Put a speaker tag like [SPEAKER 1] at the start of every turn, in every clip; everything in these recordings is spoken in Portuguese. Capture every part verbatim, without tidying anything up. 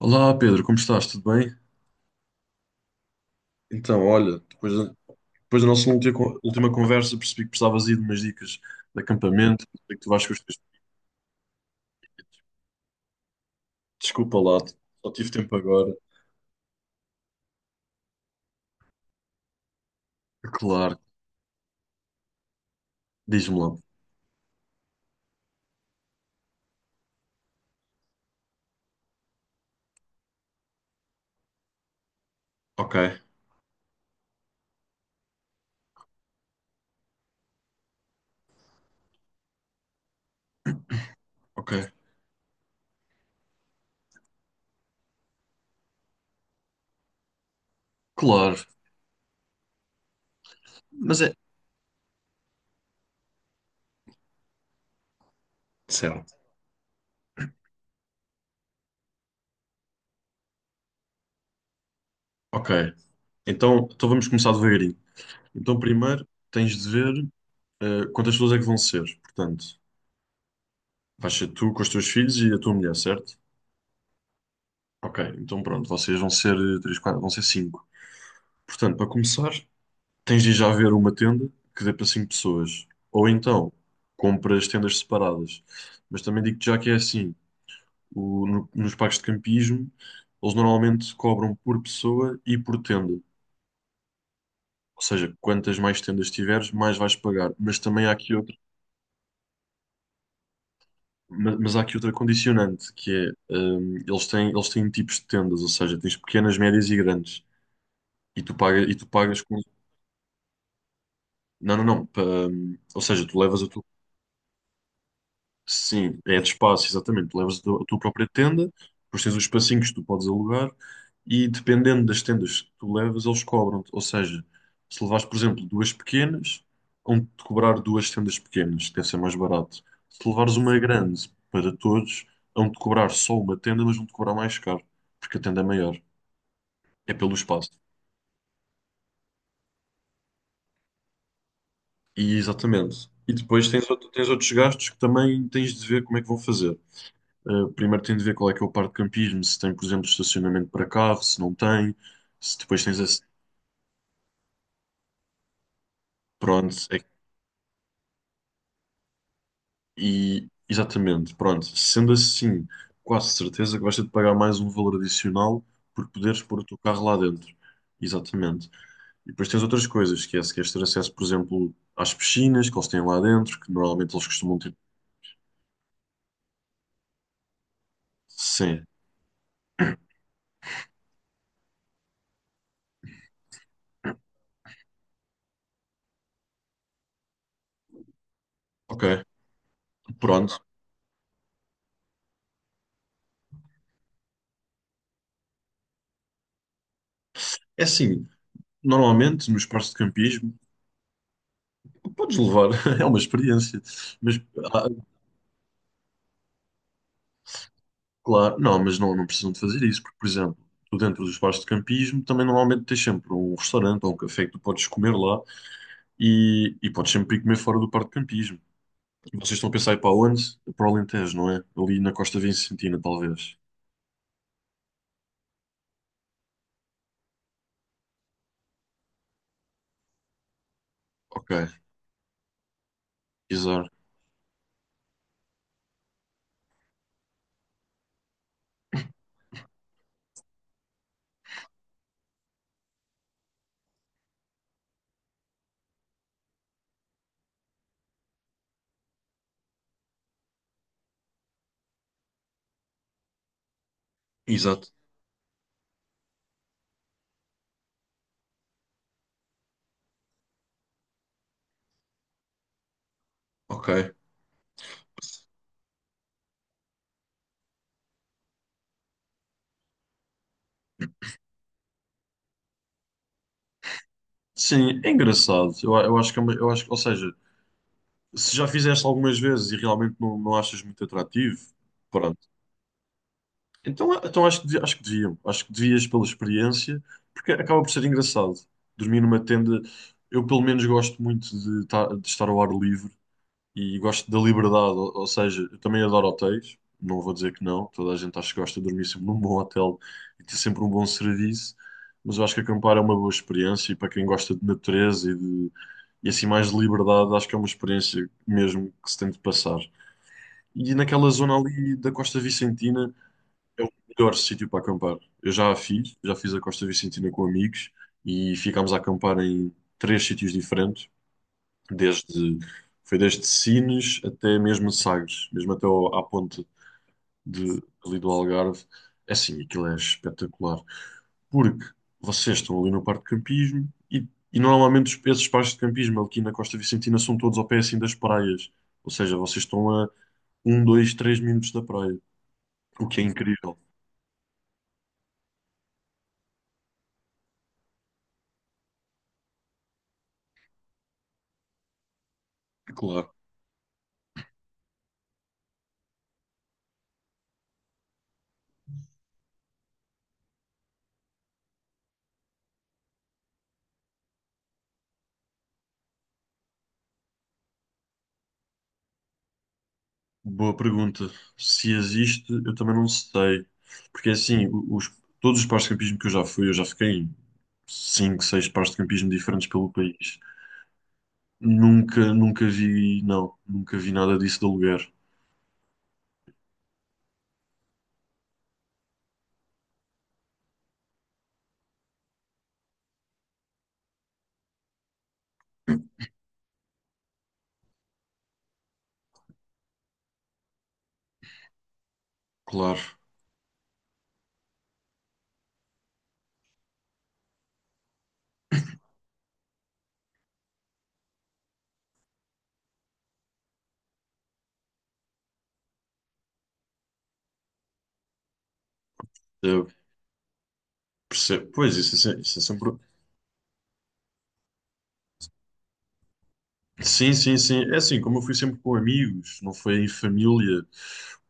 [SPEAKER 1] Olá Pedro, como estás? Tudo bem? Então, olha, depois da, depois da nossa última con- última conversa percebi que precisavas aí de umas dicas de acampamento, sei que tu vais com os teus... Desculpa lá, só tive tempo agora. Claro, diz-me lá. Ok, ok. Claro, mas é... Certo. Ok, então, então vamos começar devagarinho. Então primeiro tens de ver eh, quantas pessoas é que vão ser. Portanto, vais ser tu com os teus filhos e a tua mulher, certo? Ok, então pronto, vocês vão ser eh, três, quatro, vão ser cinco. Portanto, para começar... tens de já ver uma tenda que dê para cinco pessoas. Ou então, compras tendas separadas. Mas também digo-te já que é assim, o- no- nos parques de campismo, eles normalmente cobram por pessoa e por tenda. Ou seja, quantas mais tendas tiveres, mais vais pagar. Mas também há aqui outra, ma- mas, há aqui outra condicionante, que é, hum, eles têm, eles têm tipos de tendas, ou seja, tens pequenas, médias e grandes. E tu pagas, e tu pagas com... Não, não, não. pa- hum, ou seja, tu levas a tua Sim, é de espaço, exatamente. Tu levas a tua a tua própria tenda, depois tens os espacinhos que tu podes alugar e dependendo das tendas que tu levas, eles cobram-te. Ou seja, se levares, por exemplo, duas pequenas, vão-te cobrar duas tendas pequenas, que deve ser mais barato. Se levares uma grande para todos, vão-te cobrar só uma tenda, mas vão-te cobrar mais caro, porque a tenda é maior, é pelo espaço. E exatamente. E depois tens, outro- tens outros gastos que também tens de ver como é que vão fazer. Uh, primeiro tem de ver qual é que é o parque de campismo, se tem, por exemplo, estacionamento para carro, se não tem, se depois tens esse. Pronto, é- e exatamente, pronto. Sendo assim, quase certeza que vais ter de pagar mais um valor adicional por poderes pôr o teu carro lá dentro. Exatamente. E depois tens outras coisas, que é se queres ter acesso, por exemplo, às piscinas que eles têm lá dentro, que normalmente eles costumam ter. Sim, ok, pronto. É assim, normalmente nos parques de campismo podes levar, é uma experiência, mas ah, Claro, não, mas não, não precisam de fazer isso, porque, por exemplo, tu dentro dos bares de campismo também normalmente tens sempre um restaurante ou um café que tu podes comer lá e, e podes sempre ir comer fora do parque de campismo. Vocês estão a pensar em ir para onde? Para o Alentejo, não é? Ali na Costa Vicentina, talvez. Ok, exato. Exato. Ok. Sim, é engraçado. Eu, eu acho que é uma- eu acho, que- ou seja, se já fizeste algumas vezes e realmente não, não achas muito atrativo, pronto. Então, a- então acho que, devia- acho que deviam. Acho que devias pela experiência, porque acaba por ser engraçado. Dormir numa tenda, eu pelo menos gosto muito de, ta- de estar ao ar livre e gosto da liberdade, ou, ou seja, eu também adoro hotéis, não vou dizer que não, toda a gente acho que gosta de dormir sempre num bom hotel e ter sempre um bom serviço, mas eu acho que acampar é uma boa experiência e para quem gosta de natureza e de e assim mais de liberdade, acho que é uma experiência mesmo que se tem de passar. E naquela zona ali da Costa Vicentina. É o melhor sítio para acampar. Eu já a fiz, já fiz a Costa Vicentina com amigos e ficámos a acampar em três sítios diferentes, desde foi desde Sines até mesmo Sagres, mesmo até ao- à ponte de, ali do Algarve. É assim, aquilo é espetacular, porque vocês estão ali no parque de campismo e, e normalmente os- esses parques de campismo aqui na Costa Vicentina são todos ao pé assim das praias, ou seja, vocês estão a um, dois, três minutos da praia, o que é incrível. Claro. Boa pergunta. Se existe, eu também não sei. Porque assim, o- os, todos os pares de campismo que eu já fui, eu já fiquei em cinco, seis pares de campismo diferentes pelo país. Nunca, nunca vi, não, nunca vi nada disso de aluguer. Claro, é, percebo. Pois, isso é, se- isso é sempre. Sim, sim, sim. É assim, como eu fui sempre com amigos, não foi em família,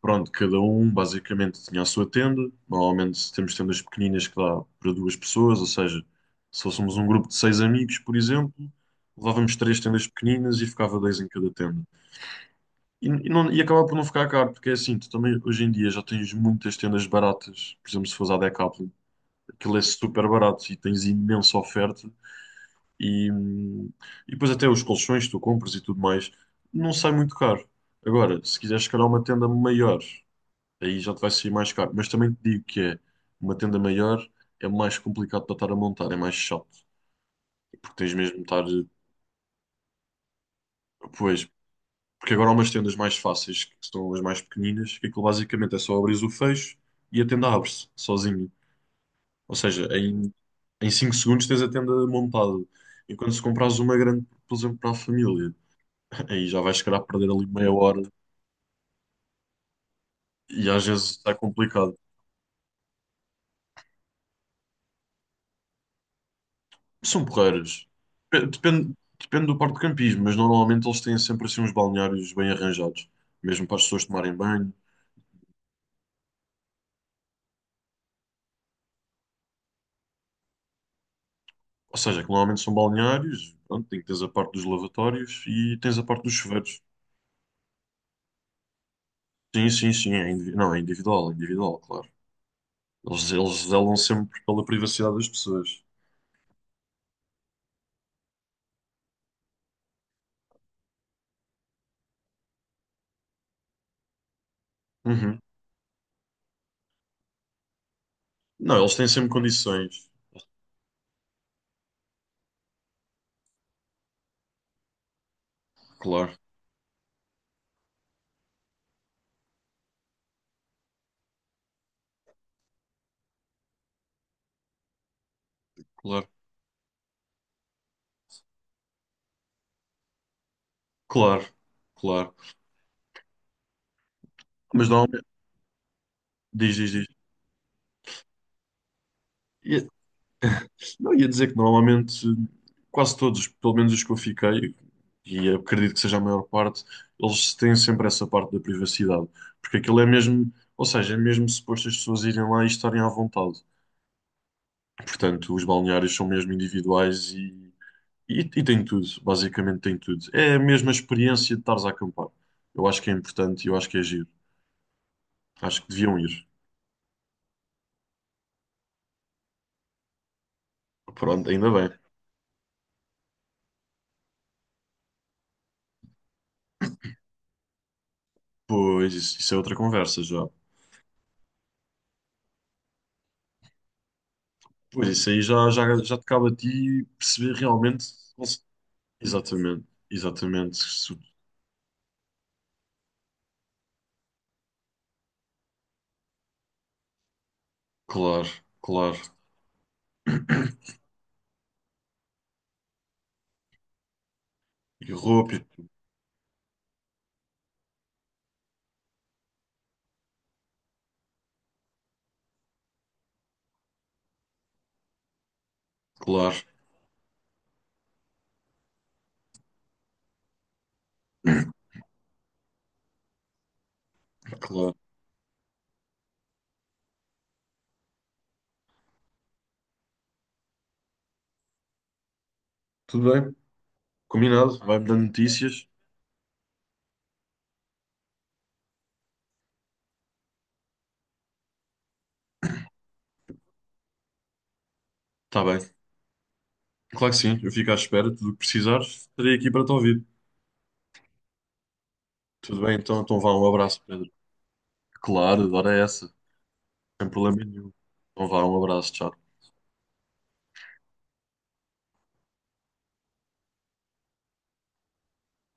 [SPEAKER 1] pronto, cada um basicamente tinha a sua tenda. Normalmente temos tendas pequeninas que dá para duas pessoas, ou seja, se fôssemos um grupo de seis amigos, por exemplo, levávamos três tendas pequeninas e ficava dois em cada tenda. E, e, não, e acaba por não ficar caro, porque é assim, tu também hoje em dia já tens muitas tendas baratas, por exemplo, se fores à Decathlon, aquilo é super barato e tens imensa oferta e, hum, e depois até os colchões que tu compras e tudo mais, não sai muito caro. Agora, se quiseres se calhar uma tenda maior, aí já te vai sair mais caro. Mas também te digo que é uma tenda maior é mais complicado para estar a montar, é mais chato. Porque tens mesmo de estar, pois, porque agora há umas tendas mais fáceis, que são as mais pequeninas, que aquilo basicamente é só abrir o fecho e a tenda abre-se sozinho. Ou seja, em, em cinco segundos tens a tenda montada. Enquanto se comprares uma grande, por exemplo, para a família aí já vais chegar a perder ali meia hora e às vezes é complicado. São porreiras. Pe- Depende, depende do parque de campismo, mas normalmente eles têm sempre assim uns balneários bem arranjados, mesmo para as pessoas tomarem banho. Ou seja, que normalmente são balneários, pronto, tem que tens a parte dos lavatórios e tens a parte dos chuveiros. Sim, sim, sim, é indivi- não, é individual, é individual, claro. Eles, eles zelam sempre pela privacidade das pessoas. Uhum. Não, eles têm sempre condições. Claro, claro, claro, claro. Mas normalmente, diz, diz, diz. Não, ia dizer que normalmente quase todos, pelo menos os que eu fiquei, e acredito que seja a maior parte, eles têm sempre essa parte da privacidade. Porque aquilo é mesmo, ou seja, é mesmo suposto as pessoas irem lá e estarem à vontade. Portanto, os balneários são mesmo individuais e, e, e têm tudo, basicamente têm tudo. É a mesma experiência de estares a acampar. Eu acho que é importante e eu acho que é giro. Acho que deviam ir. Pronto, ainda bem. Pois, isso, isso é outra conversa já. Pois isso aí já, já, já te cabe a ti perceber realmente. Exatamente, exatamente. Isso- Claro, claro. E roupa, claro, claro. Tudo bem, combinado. Vai-me dando notícias. Está bem, claro que sim. Eu fico à espera. Tudo o que precisares, estarei aqui para te ouvir. Tudo bem, então, então vá, um abraço, Pedro. Claro, adoro essa. Sem problema nenhum. Então vá, um abraço, tchau.